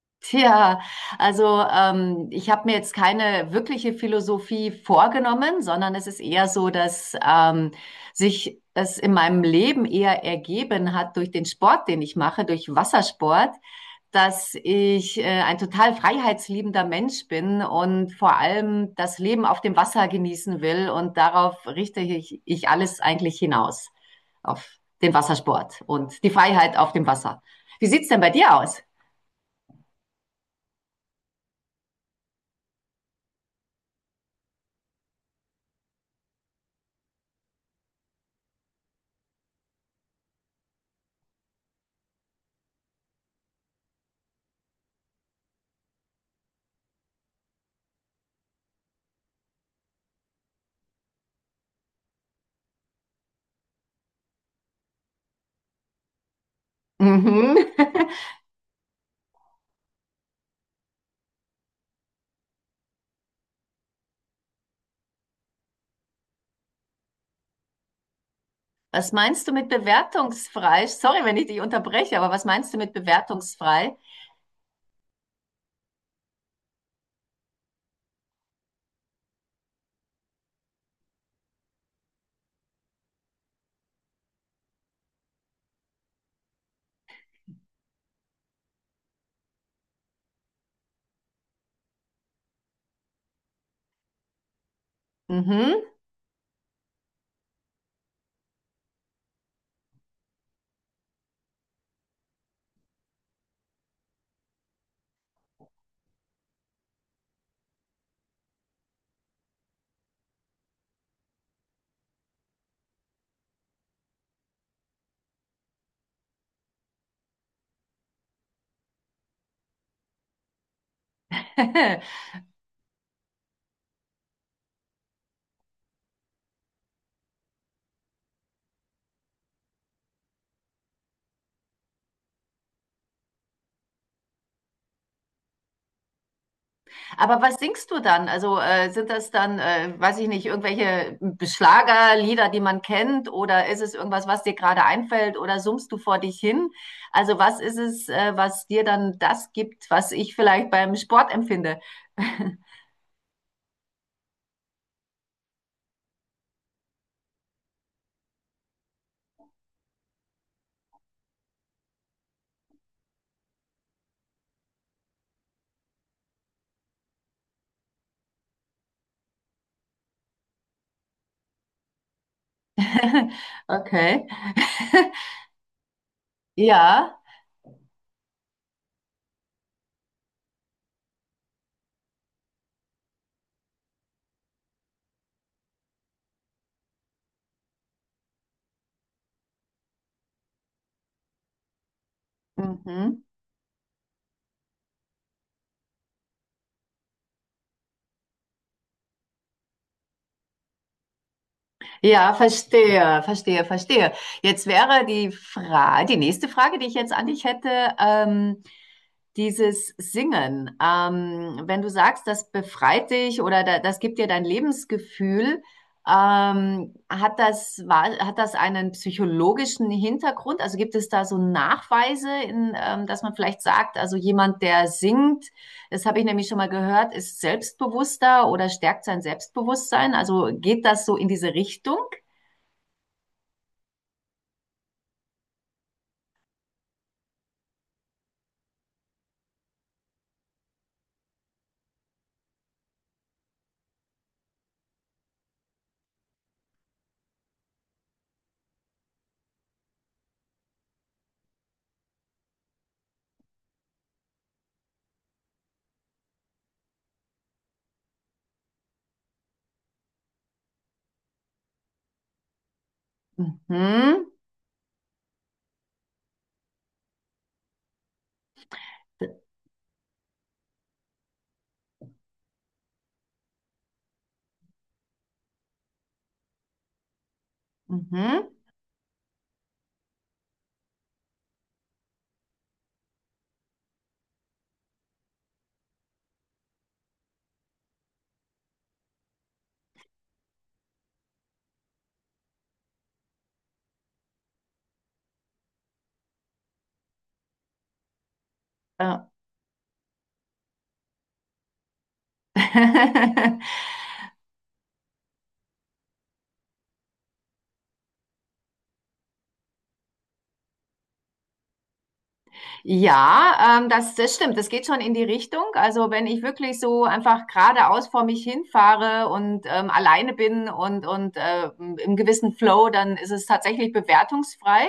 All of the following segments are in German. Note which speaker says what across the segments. Speaker 1: Tja, ich habe mir jetzt keine wirkliche Philosophie vorgenommen, sondern es ist eher so, dass sich es in meinem Leben eher ergeben hat durch den Sport, den ich mache, durch Wassersport, dass ich ein total freiheitsliebender Mensch bin und vor allem das Leben auf dem Wasser genießen will und darauf richte ich alles eigentlich hinaus, auf den Wassersport und die Freiheit auf dem Wasser. Wie sieht's denn bei dir aus? Mhm. Was meinst du mit bewertungsfrei? Sorry, wenn ich dich unterbreche, aber was meinst du mit bewertungsfrei? Mhm. Aber was singst du dann? Also sind das dann, weiß ich nicht, irgendwelche Schlagerlieder, die man kennt, oder ist es irgendwas, was dir gerade einfällt, oder summst du vor dich hin? Also was ist es, was dir dann das gibt, was ich vielleicht beim Sport empfinde? Okay. Ja. Mhm. Ja, verstehe, verstehe, verstehe. Jetzt wäre die Frage, die nächste Frage, die ich jetzt an dich hätte, ähm, dieses Singen. Wenn du sagst, das befreit dich das gibt dir dein Lebensgefühl, ähm, hat das einen psychologischen Hintergrund? Also gibt es da so Nachweise, dass man vielleicht sagt, also jemand, der singt, das habe ich nämlich schon mal gehört, ist selbstbewusster oder stärkt sein Selbstbewusstsein? Also geht das so in diese Richtung? Mhm. Mhm. Ja. Ja, das stimmt. Das geht schon in die Richtung. Also wenn ich wirklich so einfach geradeaus vor mich hinfahre und alleine bin und im gewissen Flow, dann ist es tatsächlich bewertungsfrei.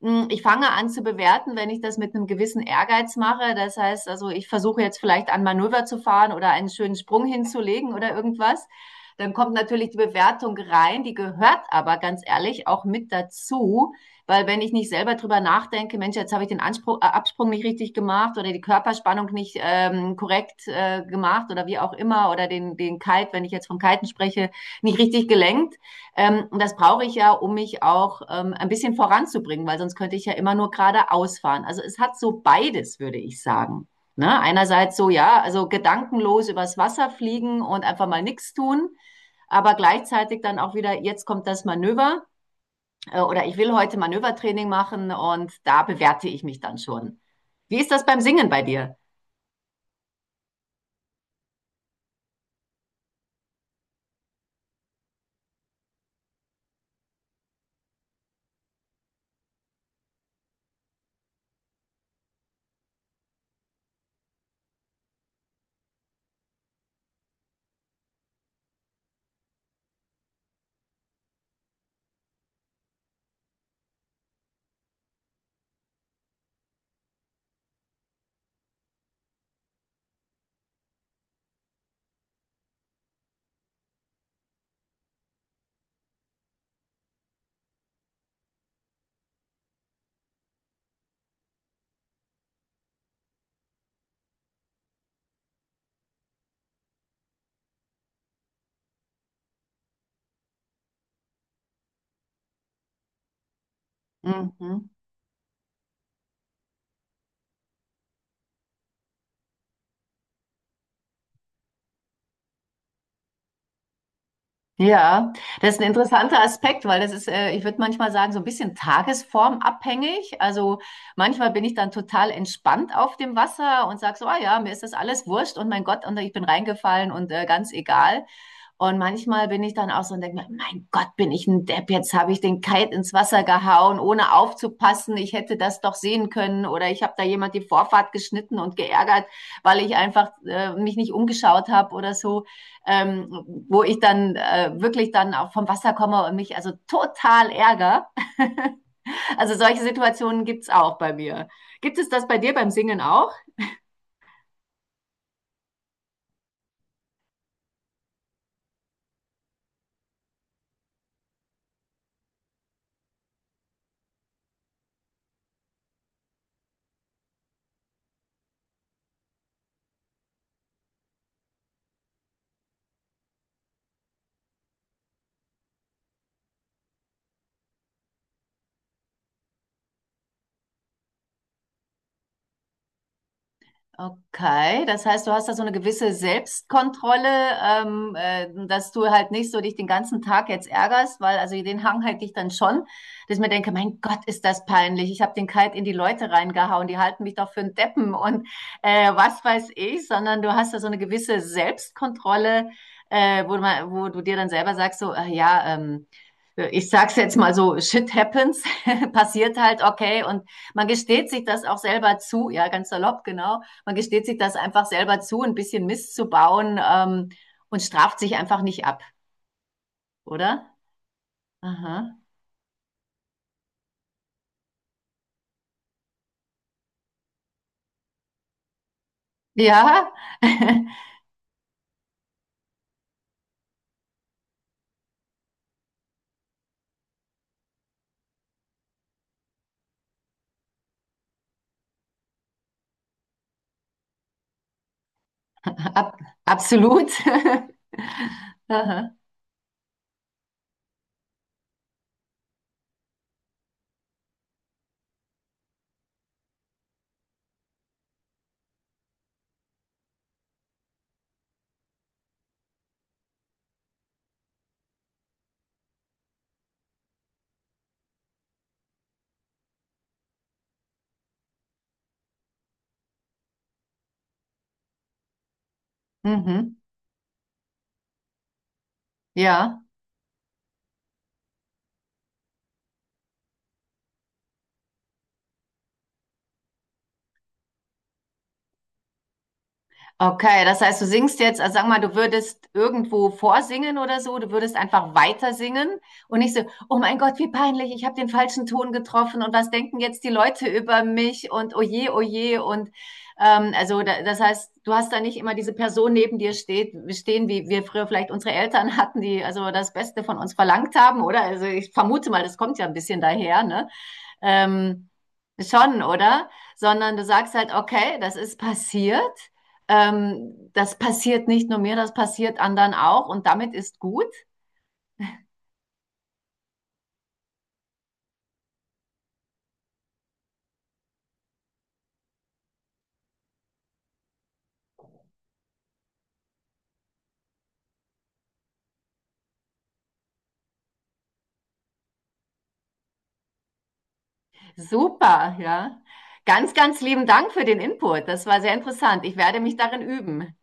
Speaker 1: Ich fange an zu bewerten, wenn ich das mit einem gewissen Ehrgeiz mache. Das heißt, also ich versuche jetzt vielleicht ein Manöver zu fahren oder einen schönen Sprung hinzulegen oder irgendwas. Dann kommt natürlich die Bewertung rein, die gehört aber ganz ehrlich auch mit dazu, weil wenn ich nicht selber drüber nachdenke, Mensch, jetzt habe ich den Anspruch, Absprung nicht richtig gemacht oder die Körperspannung nicht korrekt gemacht oder wie auch immer oder den Kite, wenn ich jetzt vom Kiten spreche, nicht richtig gelenkt. Und das brauche ich ja, um mich auch ein bisschen voranzubringen, weil sonst könnte ich ja immer nur geradeaus fahren. Also es hat so beides, würde ich sagen. Ne? Einerseits so, ja, also gedankenlos übers Wasser fliegen und einfach mal nichts tun, aber gleichzeitig dann auch wieder, jetzt kommt das Manöver oder ich will heute Manövertraining machen und da bewerte ich mich dann schon. Wie ist das beim Singen bei dir? Mhm. Ja, das ist ein interessanter Aspekt, weil das ist, ich würde manchmal sagen, so ein bisschen tagesformabhängig. Also manchmal bin ich dann total entspannt auf dem Wasser und sage so, ah ja, mir ist das alles wurscht und mein Gott, und ich bin reingefallen und ganz egal. Und manchmal bin ich dann auch so und denke mir, mein Gott, bin ich ein Depp, jetzt habe ich den Kite ins Wasser gehauen, ohne aufzupassen. Ich hätte das doch sehen können oder ich habe da jemand die Vorfahrt geschnitten und geärgert, weil ich einfach mich nicht umgeschaut habe oder so, wo ich dann wirklich dann auch vom Wasser komme und mich also total ärgere. Also solche Situationen gibt's auch bei mir. Gibt es das bei dir beim Singen auch? Okay, das heißt, du hast da so eine gewisse Selbstkontrolle, dass du halt nicht so dich den ganzen Tag jetzt ärgerst, weil also den Hang hätte ich dann schon, dass ich mir denke, mein Gott, ist das peinlich. Ich habe den Kalt in die Leute reingehauen, die halten mich doch für einen Deppen und was weiß ich, sondern du hast da so eine gewisse Selbstkontrolle, wo du dir dann selber sagst, so, ich sag's jetzt mal so, shit happens, passiert halt, okay, und man gesteht sich das auch selber zu, ja, ganz salopp, genau, man gesteht sich das einfach selber zu, ein bisschen Mist zu bauen und straft sich einfach nicht ab, oder? Aha. Ja, ab, absolut. Aha. Mhm. Ja. Okay, das heißt, du singst jetzt, also sag mal, du würdest irgendwo vorsingen oder so, du würdest einfach weiter singen und nicht so, oh mein Gott, wie peinlich, ich habe den falschen Ton getroffen und was denken jetzt die Leute über mich und oh je und also da, das heißt, du hast da nicht immer diese Person neben dir stehen, wie wir früher vielleicht unsere Eltern hatten, die also das Beste von uns verlangt haben, oder? Also ich vermute mal, das kommt ja ein bisschen daher, ne? Ähm, schon, oder? Sondern du sagst halt, okay, das ist passiert das passiert nicht nur mir, das passiert anderen auch und damit ist gut. Super, ja. Ganz, ganz lieben Dank für den Input. Das war sehr interessant. Ich werde mich darin üben.